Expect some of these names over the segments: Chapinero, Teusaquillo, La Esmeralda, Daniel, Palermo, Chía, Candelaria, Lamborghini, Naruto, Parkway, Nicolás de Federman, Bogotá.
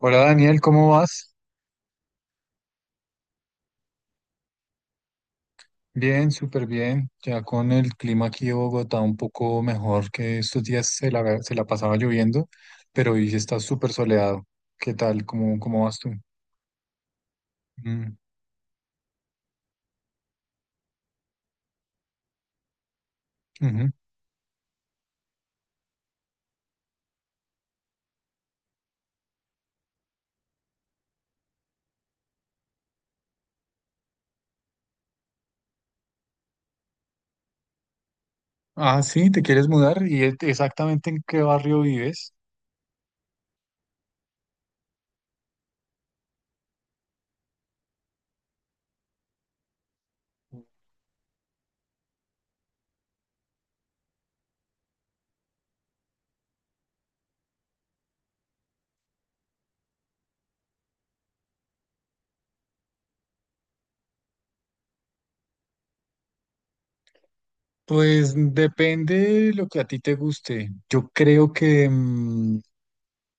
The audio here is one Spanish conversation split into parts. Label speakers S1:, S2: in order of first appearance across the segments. S1: Hola Daniel, ¿cómo vas? Bien, súper bien. Ya con el clima aquí de Bogotá un poco mejor que estos días se la pasaba lloviendo, pero hoy sí está súper soleado. ¿Qué tal? ¿Cómo vas tú? Mm, ujú. Ah, sí, ¿te quieres mudar? ¿Y exactamente en qué barrio vives? Pues depende de lo que a ti te guste. Yo creo que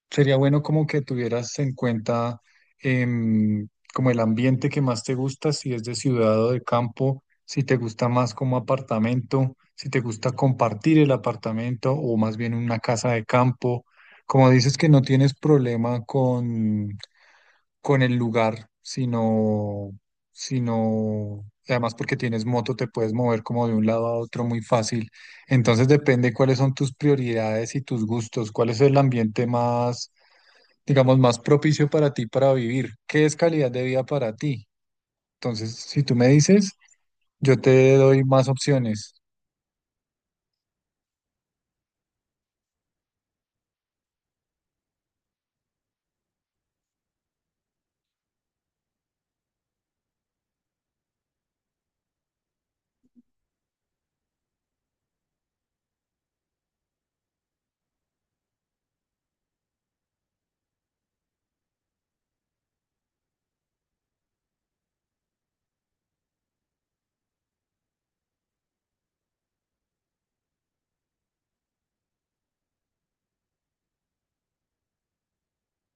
S1: sería bueno como que tuvieras en cuenta em, como el ambiente que más te gusta, si es de ciudad o de campo, si te gusta más como apartamento, si te gusta compartir el apartamento o más bien una casa de campo. Como dices que no tienes problema con, con el lugar, sino, además porque tienes moto, te puedes mover como de un lado a otro muy fácil. Entonces depende cuáles son tus prioridades y tus gustos, cuál es el ambiente más, digamos, más propicio para ti para vivir. ¿Qué es calidad de vida para ti? Entonces, si tú me dices, yo te doy más opciones.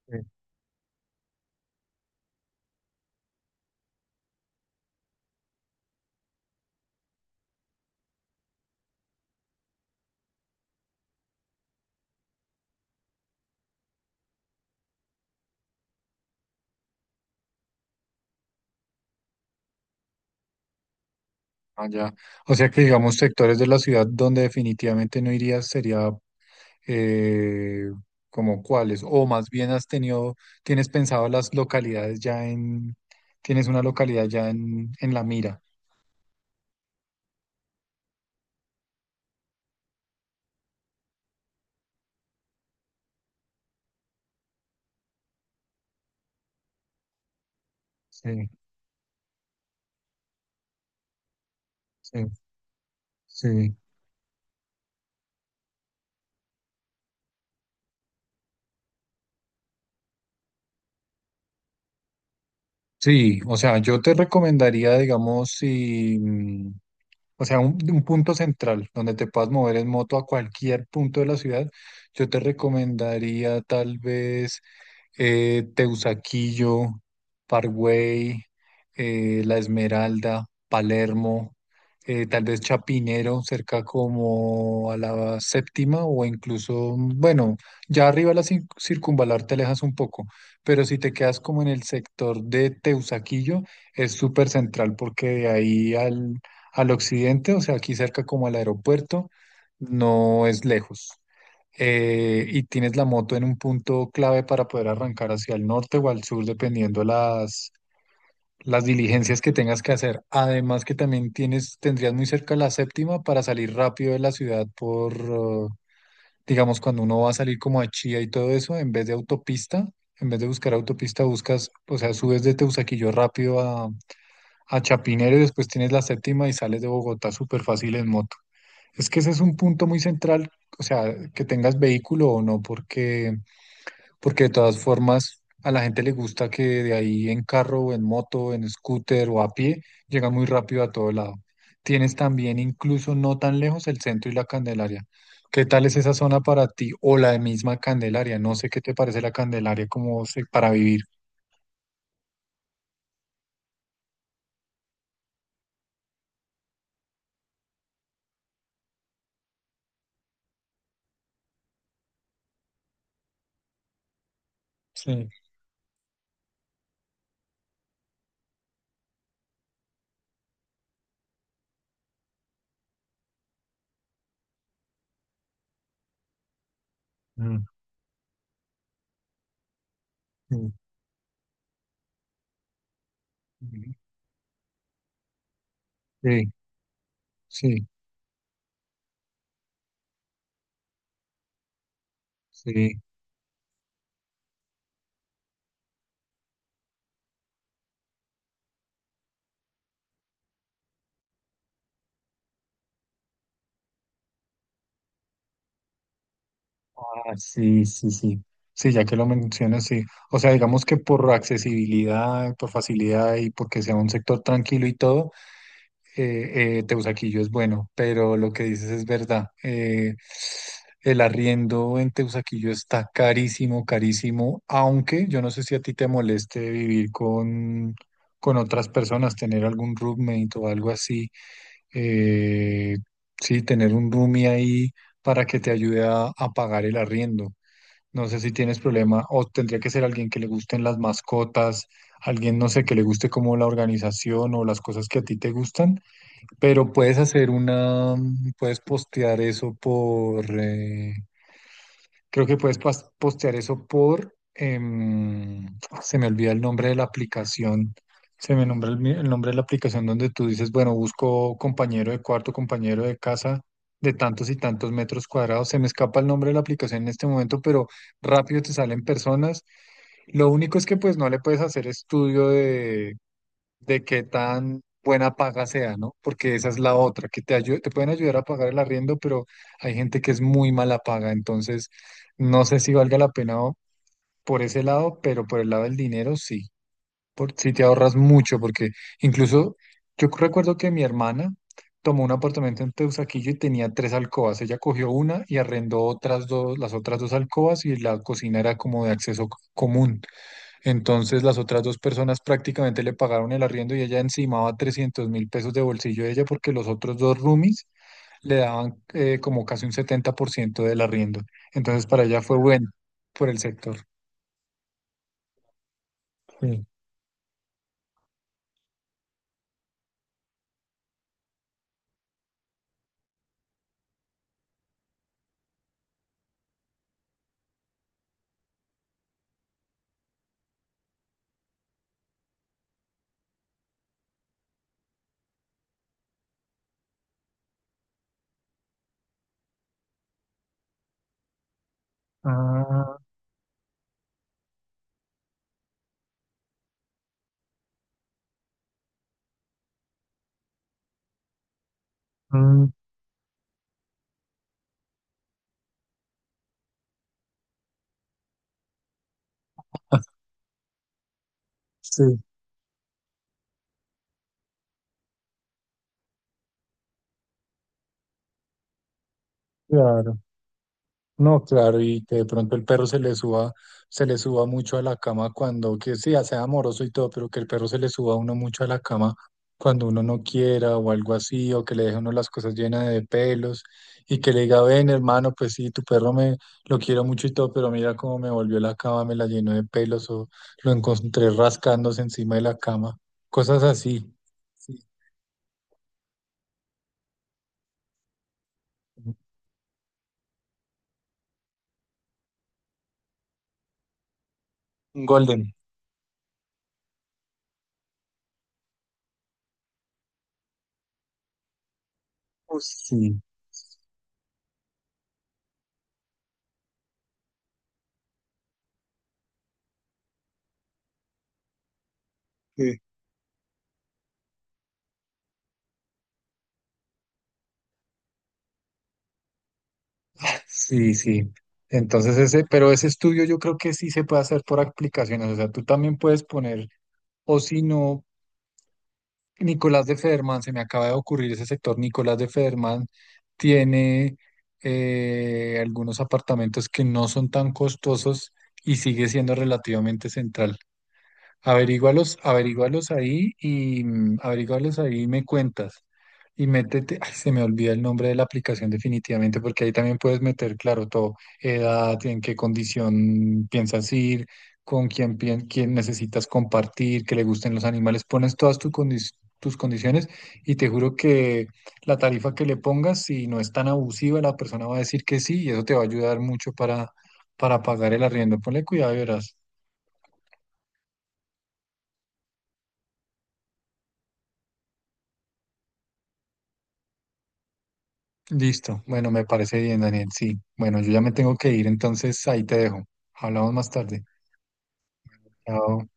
S1: eh, Allá. O sea que, digamos, sectores de la ciudad donde definitivamente no irías sería, eh, como cuáles, o más bien has tienes pensado las localidades ya tienes una localidad ya en la mira. Sí, sí, sí. Sí, o sea, yo te recomendaría, digamos, si, o sea, un punto central donde te puedas mover en moto a cualquier punto de la ciudad. Yo te recomendaría tal vez Teusaquillo, Parkway, La Esmeralda, Palermo, tal vez Chapinero, cerca como a la séptima o incluso, bueno, ya arriba de la circunvalar te alejas un poco, pero si te quedas como en el sector de Teusaquillo, es súper central porque de ahí al, al occidente, o sea, aquí cerca como al aeropuerto, no es lejos. Y tienes la moto en un punto clave para poder arrancar hacia el norte o al sur, dependiendo las diligencias que tengas que hacer. Además que también tendrías muy cerca la séptima para salir rápido de la ciudad por, digamos, cuando uno va a salir como a Chía y todo eso, en vez de autopista, en vez de buscar autopista, buscas, o sea, subes de Teusaquillo rápido a Chapinero y después tienes la séptima y sales de Bogotá súper fácil en moto. Es que ese es un punto muy central, o sea, que tengas vehículo o no, porque porque de todas formas, a la gente le gusta que de ahí en carro o en moto, en scooter o a pie, llega muy rápido a todo lado. Tienes también, incluso no tan lejos, el centro y la Candelaria. ¿Qué tal es esa zona para ti o la misma Candelaria? No sé qué te parece la Candelaria como para vivir. Sí. Mm, mm, mm. Sí, sí, sí. Ah, sí, sí, sí. Sí, ya que lo mencionas, sí. O sea, digamos que por accesibilidad, por facilidad y porque sea un sector tranquilo y todo. Teusaquillo es bueno, pero lo que dices es verdad. El arriendo en Teusaquillo está carísimo, carísimo, aunque yo no sé si a ti te moleste vivir con otras personas, tener algún roommate o algo así. eh, sí, tener un roomie ahí para que te ayude a pagar el arriendo. No sé si tienes problema o tendría que ser alguien que le gusten las mascotas, alguien, no sé, que le guste como la organización o las cosas que a ti te gustan. Pero puedes hacer una, puedes postear eso por, creo que puedes postear eso por, se me olvida el nombre de la aplicación, se me nombra el, el nombre de la aplicación donde tú dices, bueno, busco compañero de cuarto, compañero de casa de tantos y tantos metros cuadrados, se me escapa el nombre de la aplicación en este momento, pero rápido te salen personas. Lo único es que pues no le puedes hacer estudio de qué tan buena paga sea, ¿no? Porque esa es la otra, que te te pueden ayudar a pagar el arriendo, pero hay gente que es muy mala paga, entonces no sé si valga la pena o- por ese lado, pero por el lado del dinero sí, por, sí te ahorras mucho, porque incluso yo recuerdo que mi hermana tomó un apartamento en Teusaquillo y tenía tres alcobas, ella cogió una y arrendó otras dos, las otras dos alcobas y la cocina era como de acceso común. Entonces las otras dos personas prácticamente le pagaron el arriendo y ella encimaba 300.000 pesos de bolsillo de ella porque los otros dos roomies le daban como casi un 70% del arriendo. Entonces para ella fue bueno por el sector. Sí. Ah, mm, sí, claro. No, claro, y que de pronto el perro se le suba mucho a la cama cuando, que sí, sea amoroso y todo, pero que el perro se le suba a uno mucho a la cama cuando uno no quiera o algo así, o que le deje a uno las cosas llenas de pelos y que le diga, ven hermano, pues sí, tu perro me lo quiero mucho y todo, pero mira cómo me volvió la cama, me la llenó de pelos o lo encontré rascándose encima de la cama, cosas así. Sí. Un Golden. Uy, sí. Sí, sí. Entonces ese, pero ese estudio yo creo que sí se puede hacer por aplicaciones. O sea, tú también puedes poner, o si no, Nicolás de Federman, se me acaba de ocurrir ese sector. Nicolás de Federman tiene algunos apartamentos que no son tan costosos y sigue siendo relativamente central. Averígualos ahí y averígualos ahí y me cuentas. Y métete, ay, se me olvida el nombre de la aplicación definitivamente, porque ahí también puedes meter, claro, todo, edad, en qué condición piensas ir, con quién, quién necesitas compartir, que le gusten los animales, pones todas tu tus condiciones y te juro que la tarifa que le pongas, si no es tan abusiva, la persona va a decir que sí y eso te va a ayudar mucho para pagar el arriendo. Ponle cuidado y verás. Listo. Bueno, me parece bien, Daniel. Sí. Bueno, yo ya me tengo que ir, entonces ahí te dejo. Hablamos más tarde. Chao.